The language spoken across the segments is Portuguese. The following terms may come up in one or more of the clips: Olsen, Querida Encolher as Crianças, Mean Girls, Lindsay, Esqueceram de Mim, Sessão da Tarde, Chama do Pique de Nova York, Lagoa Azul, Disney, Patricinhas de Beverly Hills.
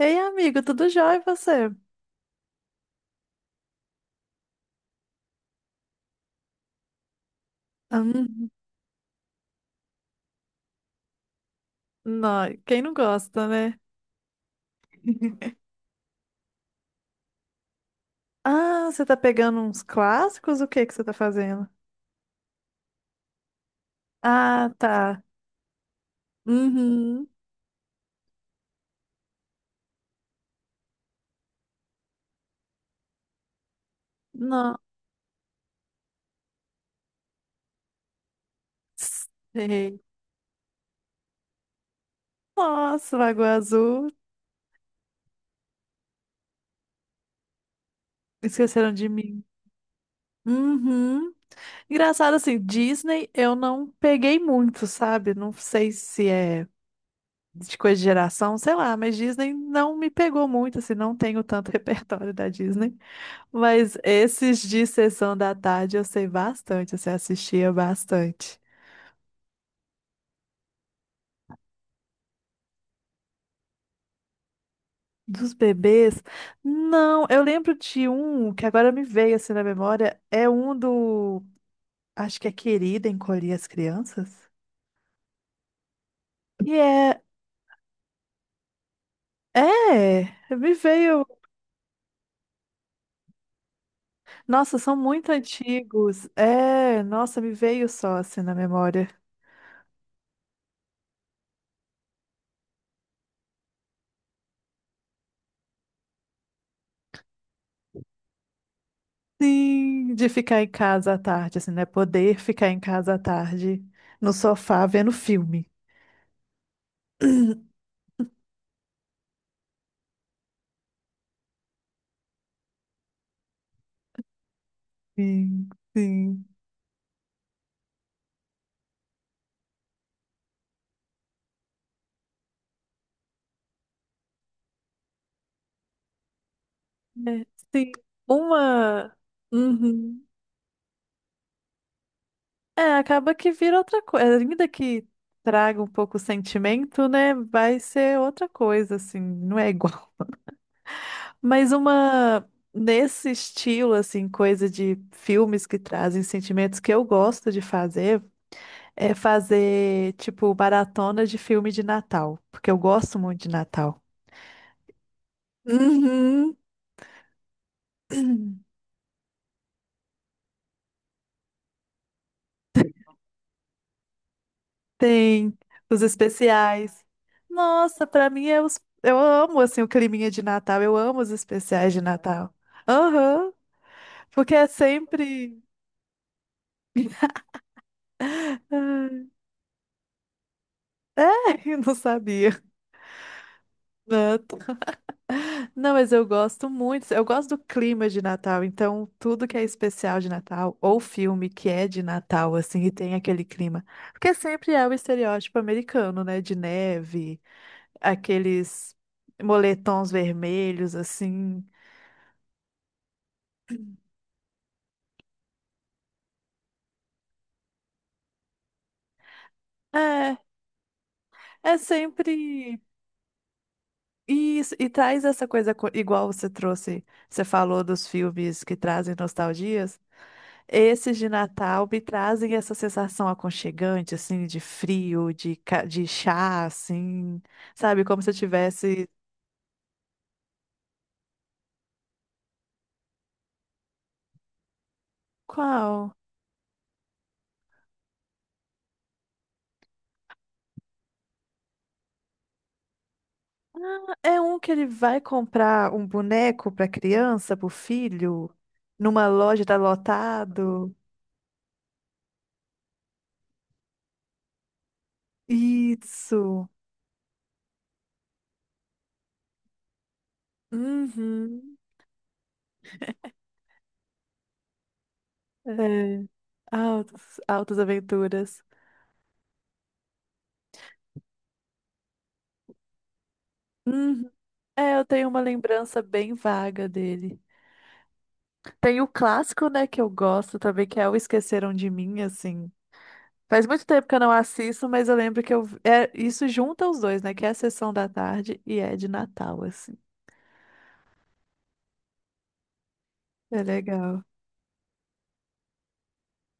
Ei, amigo, tudo jóia e você? Hum, Quem não gosta, né? Ah, você tá pegando uns clássicos? O que que você tá fazendo? Ah, tá. Uhum. Nossa. Nossa, Lagoa Azul. Esqueceram de Mim. Uhum. Engraçado assim, Disney eu não peguei muito, sabe? Não sei se é de coisa de geração, sei lá, mas Disney não me pegou muito, assim, não tenho tanto repertório da Disney. Mas esses de Sessão da Tarde eu sei bastante, assim, eu assistia bastante. Dos bebês? Não, eu lembro de um que agora me veio assim na memória, é um do, acho que é Querida Encolher as Crianças. E é, é, me veio, nossa, são muito antigos. É, nossa, me veio só assim na memória. Sim, de ficar em casa à tarde, assim, né? Poder ficar em casa à tarde, no sofá vendo filme. Sim, sim. Né? Tem uma. Uhum. É, acaba que vira outra coisa. Ainda que traga um pouco o sentimento, né? Vai ser outra coisa, assim, não é igual. Mas uma. Nesse estilo, assim, coisa de filmes que trazem sentimentos que eu gosto de fazer, é fazer, tipo, maratona de filme de Natal, porque eu gosto muito de Natal. Uhum. Tem os especiais. Nossa, pra mim é os— eu amo assim o climinha de Natal, eu amo os especiais de Natal. Aham, porque é sempre. Eu não sabia. Não, não, mas eu gosto muito. Eu gosto do clima de Natal, então tudo que é especial de Natal, ou filme que é de Natal, assim, e tem aquele clima. Porque sempre é o estereótipo americano, né? De neve, aqueles moletons vermelhos, assim. É. É sempre. E traz essa coisa igual você trouxe, você falou dos filmes que trazem nostalgias. Esses de Natal me trazem essa sensação aconchegante, assim, de frio, de chá, assim, sabe? Como se eu tivesse. Qual? É um que ele vai comprar um boneco para criança, para o filho, numa loja tá lotado. Isso. Uhum. É. Altas, altas aventuras. Uhum. É, eu tenho uma lembrança bem vaga dele. Tem o clássico, né, que eu gosto também, que é o Esqueceram de Mim, assim. Faz muito tempo que eu não assisto, mas eu lembro que eu— é, isso junta os dois, né, que é a Sessão da Tarde e é de Natal, assim. É legal.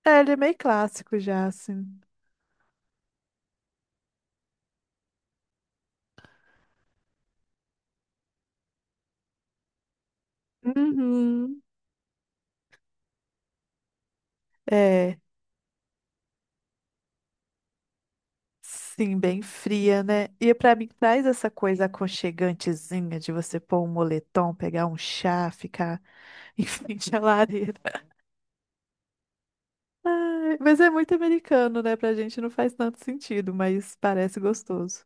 É, ele é meio clássico já, assim. Uhum. É, sim, bem fria, né? E pra mim traz essa coisa aconchegantezinha de você pôr um moletom, pegar um chá, ficar em frente à lareira. Ai, mas é muito americano, né? Pra gente não faz tanto sentido, mas parece gostoso.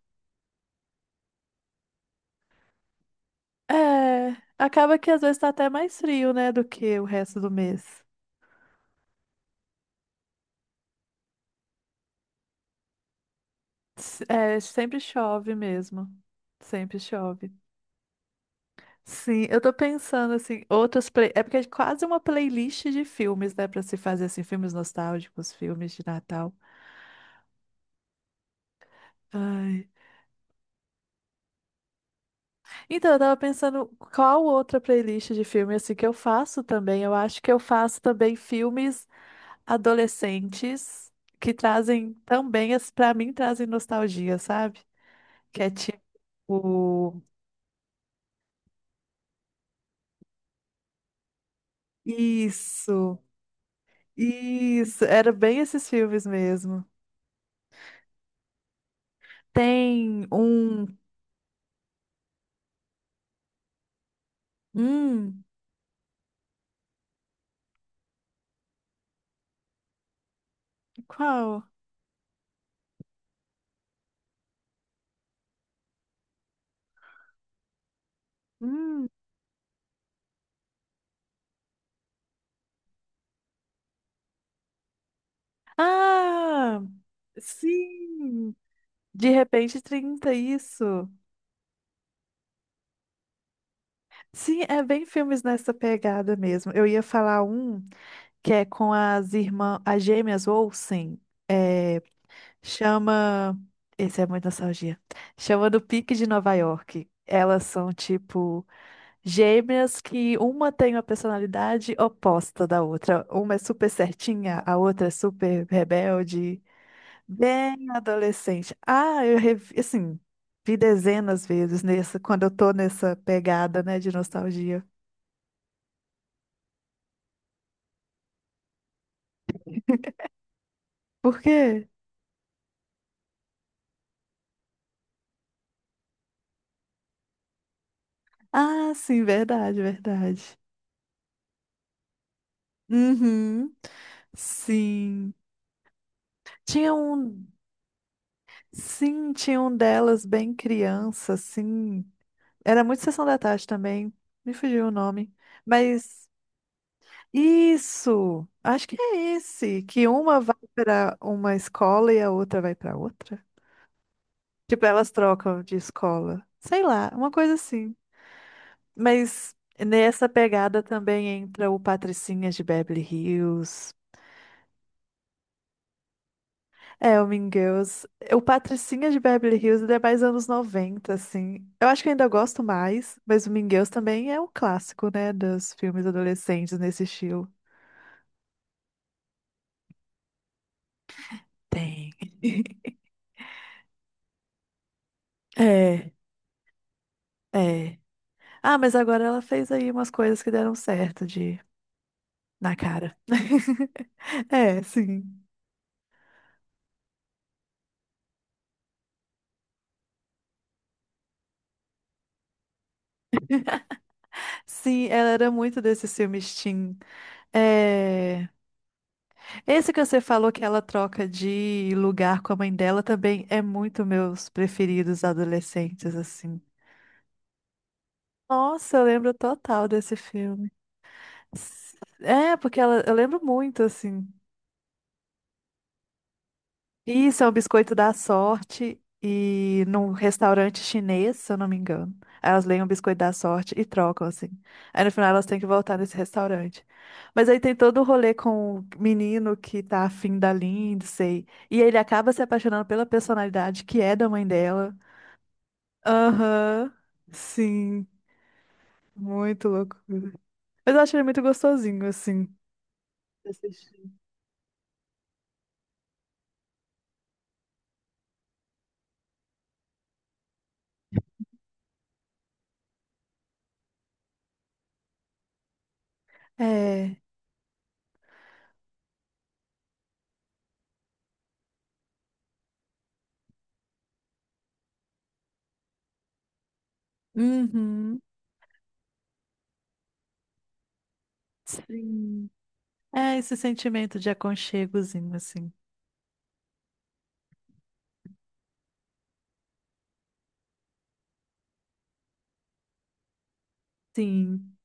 É, acaba que às vezes tá até mais frio, né, do que o resto do mês. É, sempre chove mesmo. Sempre chove. Sim, eu tô pensando assim, outras play— é porque é quase uma playlist de filmes, né, pra se fazer assim, filmes nostálgicos, filmes de Natal. Ai. Então, eu tava pensando qual outra playlist de filme assim que eu faço também. Eu acho que eu faço também filmes adolescentes que trazem também, pra mim, trazem nostalgia, sabe? Que é tipo, isso, isso, era bem esses filmes mesmo. Tem um, hum, qual? Hum, ah, sim, De Repente 30, isso. Sim, é bem filmes nessa pegada mesmo. Eu ia falar um que é com as irmãs, as gêmeas Olsen. É, chama. Esse é muito nostalgia. Chama Do Pique de Nova York. Elas são tipo gêmeas que uma tem uma personalidade oposta da outra. Uma é super certinha, a outra é super rebelde, bem adolescente. Ah, eu revi, assim, vi dezenas vezes nessa, quando eu tô nessa pegada, né, de nostalgia. Por quê? Ah, sim, verdade, verdade. Uhum. Sim. Tinha um. Sim, tinha um delas bem criança, assim. Era muito Sessão da Tarde também. Me fugiu o nome. Mas isso! Acho que é esse, que uma vai para uma escola e a outra vai para outra. Tipo, elas trocam de escola. Sei lá, uma coisa assim. Mas nessa pegada também entra o Patricinhas de Beverly Hills. É, o Mean Girls. O Patricinha de Beverly Hills ele é mais anos 90, assim. Eu acho que eu ainda gosto mais, mas o Mean Girls também é um clássico, né, dos filmes adolescentes nesse estilo. Tem. É, é. Ah, mas agora ela fez aí umas coisas que deram certo de na cara. É, sim. Sim, ela era muito desses filmes teen. É, esse que você falou que ela troca de lugar com a mãe dela também é muito meus preferidos adolescentes, assim. Nossa, eu lembro total desse filme. É, porque ela, eu lembro muito, assim. Isso é o biscoito da sorte e num restaurante chinês, se eu não me engano. Aí elas leem o biscoito da sorte e trocam, assim. Aí no final elas têm que voltar nesse restaurante. Mas aí tem todo o rolê com o menino que tá afim da Lindsay. E ele acaba se apaixonando pela personalidade que é da mãe dela. Aham, sim, muito louco. Mas eu achei ele muito gostosinho, assim. De assistir. É. Uhum. Sim. É esse sentimento de aconchegozinho, assim. Sim.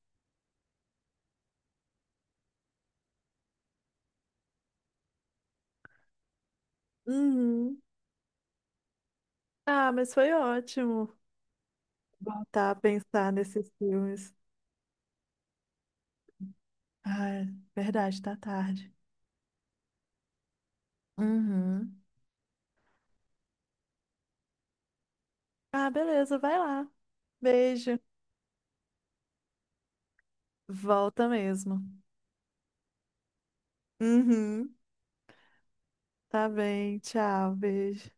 Uhum. Ah, mas foi ótimo voltar a pensar nesses filmes. Ah, verdade, tá tarde. Uhum. Ah, beleza, vai lá. Beijo. Volta mesmo. Uhum. Tá bem, tchau, beijo.